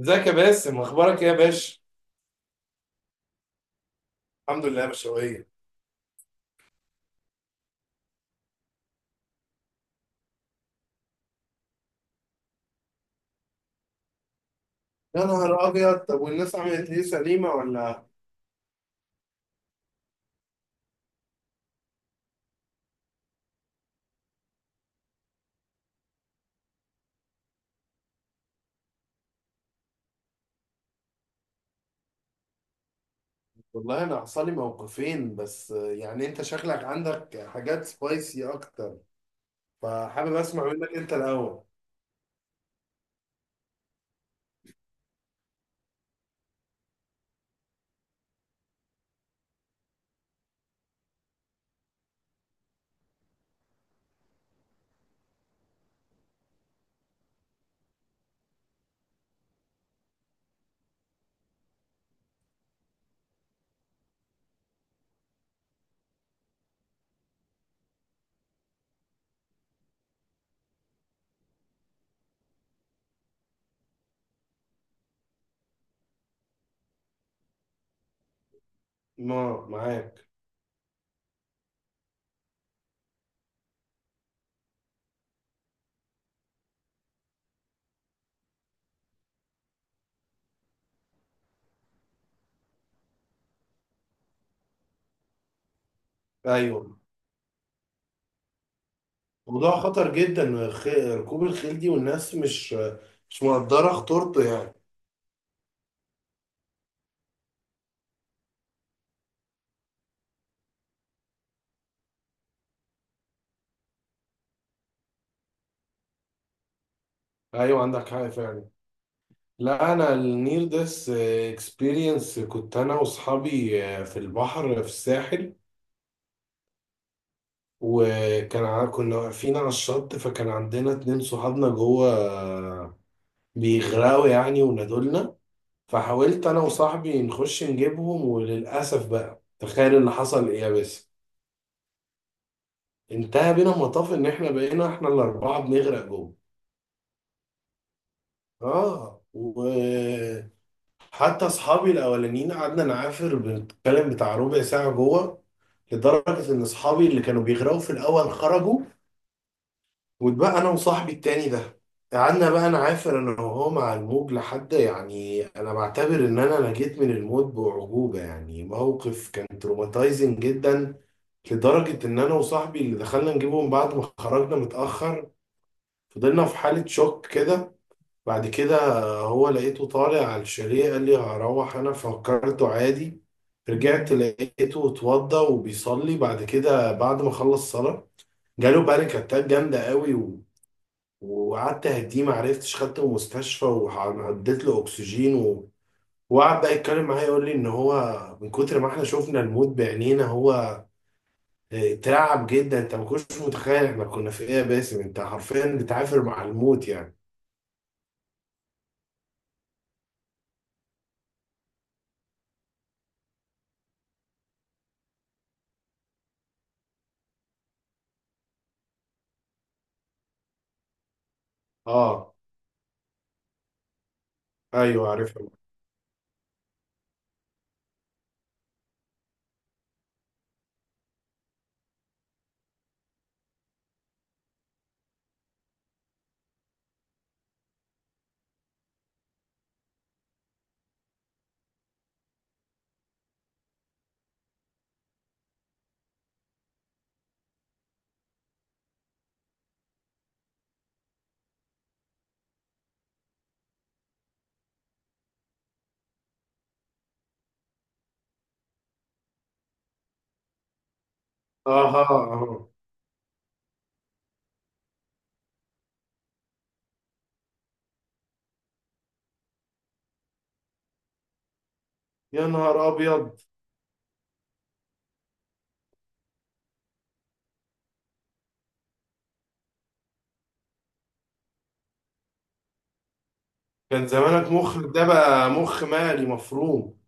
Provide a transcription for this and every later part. ازيك يا باسم؟ اخبارك ايه يا باشا؟ الحمد لله، مشوية. يا نهار ابيض، طب والناس عملت ايه، سليمه ولا؟ والله انا حصل لي موقفين، بس يعني انت شكلك عندك حاجات سبايسي اكتر، فحابب اسمع منك انت الاول. ما معاك. ايوه. موضوع خطر جدا، ركوب الخيل دي، والناس مش مقدره خطورته يعني. ايوه، عندك حق فعلا. لا، انا النير ديس اكسبيرينس كنت انا واصحابي في البحر في الساحل. كنا واقفين على الشط، فكان عندنا 2 صحابنا جوه بيغرقوا يعني، ونادولنا. فحاولت انا وصاحبي نخش نجيبهم، وللاسف بقى تخيل اللي حصل ايه يا باسم؟ انتهى بينا المطاف ان احنا بقينا احنا الاربعه بنغرق جوه. اه وحتى اصحابي الاولانيين قعدنا نعافر، بنتكلم بتاع ربع ساعه جوه، لدرجه ان اصحابي اللي كانوا بيغرقوا في الاول خرجوا، وبقى انا وصاحبي التاني ده. قعدنا بقى نعافر انا وهو مع الموج، لحد يعني انا بعتبر ان انا نجيت من الموت باعجوبه. يعني موقف كان تروماتايزنج جدا، لدرجه ان انا وصاحبي اللي دخلنا نجيبهم بعد ما خرجنا متاخر فضلنا في حاله شوك كده. بعد كده هو لقيته طالع على الشاليه، قال لي هروح، انا فكرته عادي. رجعت لقيته اتوضى وبيصلي، بعد كده بعد ما خلص صلاه جاله بانيك اتاك جامده قوي، وقعدت اهديه، ما عرفتش خدته مستشفى، وعديت له اكسجين وقعد بقى يتكلم معايا يقول لي ان هو من كتر ما احنا شفنا الموت بعينينا هو اترعب جدا. انت ما كنتش متخيل احنا كنا في ايه يا باسم؟ انت حرفيا بتعافر مع الموت يعني. اه. ايوه، عارفها. اها. اها. يا نهار ابيض. كان زمانك مخ، ده بقى مخ مالي مفروم.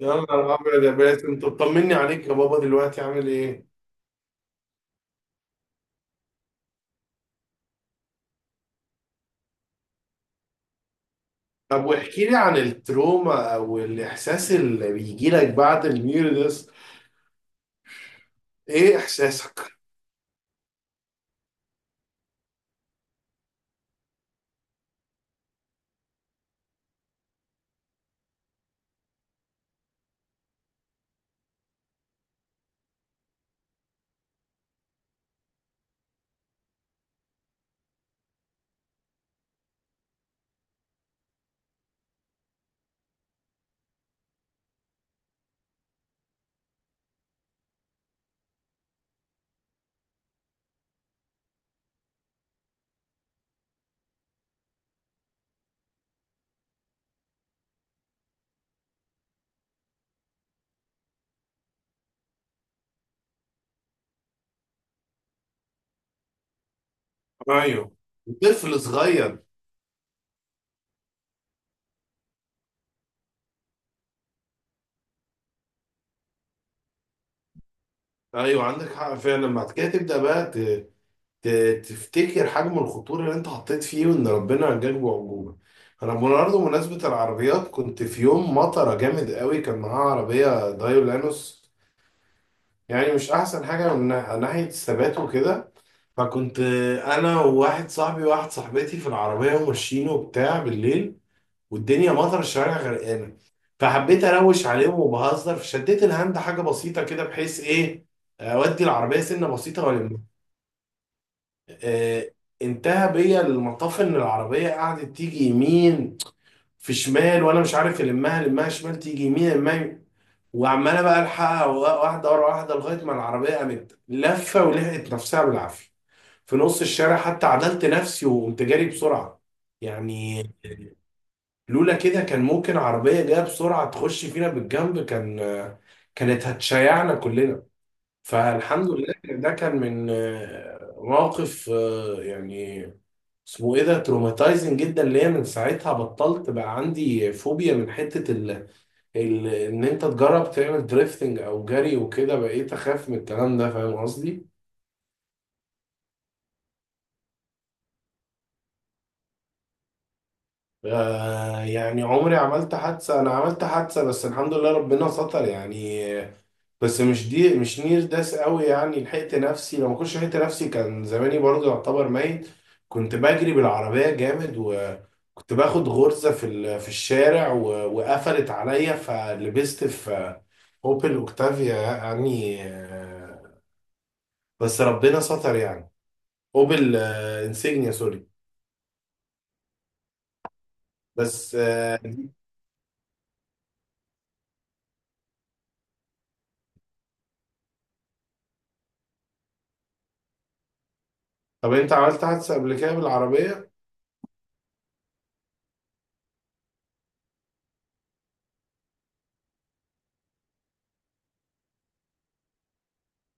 يا نهار ابيض يا باسم، انت طمني عليك يا بابا، دلوقتي عامل ايه؟ طب واحكي لي عن التروما او الاحساس اللي بيجي لك بعد الميوردس، ايه احساسك؟ ايوه، طفل صغير. ايوه، عندك حق فعلا. بعد كده تبدا بقى ت... تفتكر حجم الخطوره اللي انت حطيت فيه، وان ربنا نجاك بعجوبه. انا برضه بمناسبه العربيات، كنت في يوم مطره جامد قوي كان معاه عربيه دايولانوس، يعني مش احسن حاجه من ناحيه الثبات وكده. فكنت انا وواحد صاحبي وواحد صاحبتي في العربيه وماشيين وبتاع بالليل، والدنيا مطر، الشوارع غرقانه. فحبيت اروش عليهم وبهزر، فشديت الهاند حاجه بسيطه كده، بحيث ايه؟ اودي العربيه سنه بسيطه والم. آه، انتهى بيا المطاف ان العربيه قعدت تيجي يمين، في شمال، وانا مش عارف المها، المها شمال تيجي يمين، المها يمين. وعماله بقى الحقها واحده ورا واحده، لغايه ما العربيه قامت لفه ولحقت نفسها بالعافيه في نص الشارع، حتى عدلت نفسي وقمت جاري بسرعه. يعني لولا كده كان ممكن عربية جاية بسرعة تخش فينا بالجنب، كان كانت هتشيعنا كلنا. فالحمد لله إن ده كان من موقف يعني اسمه ايه، ده تروماتايزنج جدا ليا. من ساعتها بطلت، بقى عندي فوبيا من حتة ان انت تجرب تعمل دريفتنج او جري وكده، بقيت اخاف من الكلام ده، فاهم قصدي؟ يعني عمري عملت حادثة، انا عملت حادثة بس الحمد لله ربنا ستر يعني. بس مش دي، مش نير داس قوي يعني، لحقت نفسي، لو ما كنتش لحقت نفسي كان زماني برضه يعتبر ميت. كنت بجري بالعربية جامد، وكنت باخد غرزة في الشارع وقفلت عليا، فلبست في اوبل اوكتافيا يعني بس ربنا ستر يعني. اوبل انسيجنيا، سوري. بس طب انت عملت حادثة قبل كده بالعربية؟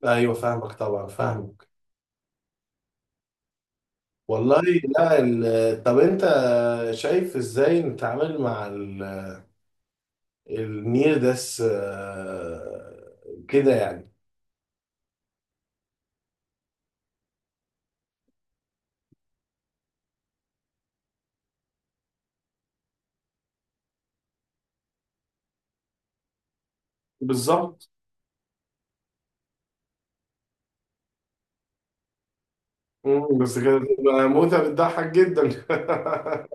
ايوه، فاهمك طبعا، فاهمك. والله، لا طب انت شايف ازاي نتعامل مع النير داس كده يعني. بالظبط. بس كده تبقى موتة بتضحك جدا.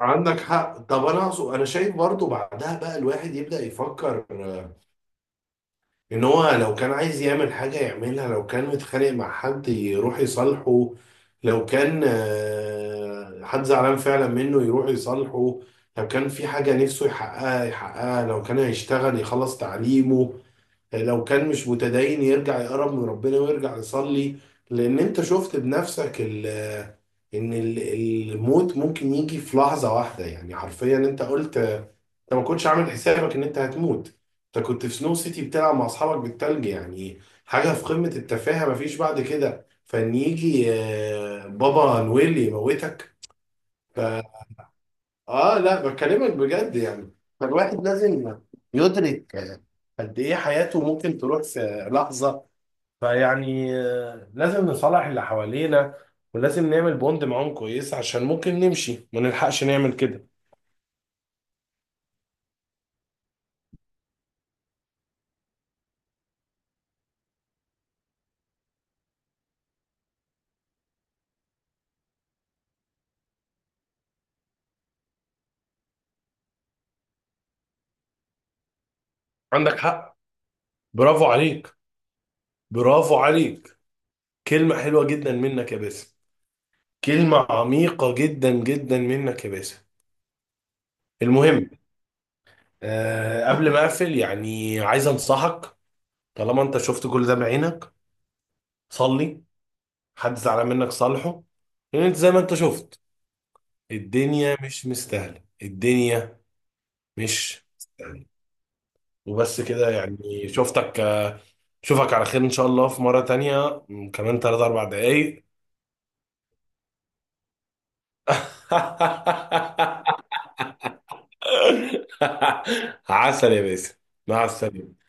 عندك حق. طب انا اقصد، انا شايف برضو بعدها بقى الواحد يبدأ يفكر ان هو لو كان عايز يعمل حاجة يعملها، لو كان متخانق مع حد يروح يصالحه، لو كان حد زعلان فعلا منه يروح يصالحه، لو كان في حاجة نفسه يحققها يحققها، لو كان هيشتغل يخلص تعليمه، لو كان مش متدين يرجع يقرب من ربنا ويرجع يصلي. لان انت شفت بنفسك ان الموت ممكن يجي في لحظة واحدة، يعني حرفيا انت قلت انت ما كنتش عامل حسابك ان انت هتموت. انت كنت في سنو سيتي بتلعب مع اصحابك بالتلج، يعني حاجه في قمه التفاهه، مفيش بعد كده فان يجي بابا نويل يموتك. ف... اه لا بكلمك بجد يعني، فالواحد لازم يدرك قد ايه حياته ممكن تروح في لحظه. فيعني لازم نصالح اللي حوالينا، ولازم نعمل بوند معاهم كويس عشان ممكن نمشي ما نلحقش نعمل كده. عندك حق. برافو عليك، برافو عليك. كلمة حلوة جدا منك يا باسم، كلمة عميقة جدا جدا منك يا باسم. المهم، قبل ما أقفل، يعني عايز أنصحك، طالما أنت شفت كل ده بعينك، صلي، حد زعلان منك صالحه، لأن أنت زي ما أنت شفت الدنيا مش مستاهلة، الدنيا مش مستاهلة. وبس كده يعني، شفتك شوفك على خير إن شاء الله في مرة تانية، كمان تلات أربع دقايق. عسل يا باسم. مع السلامة.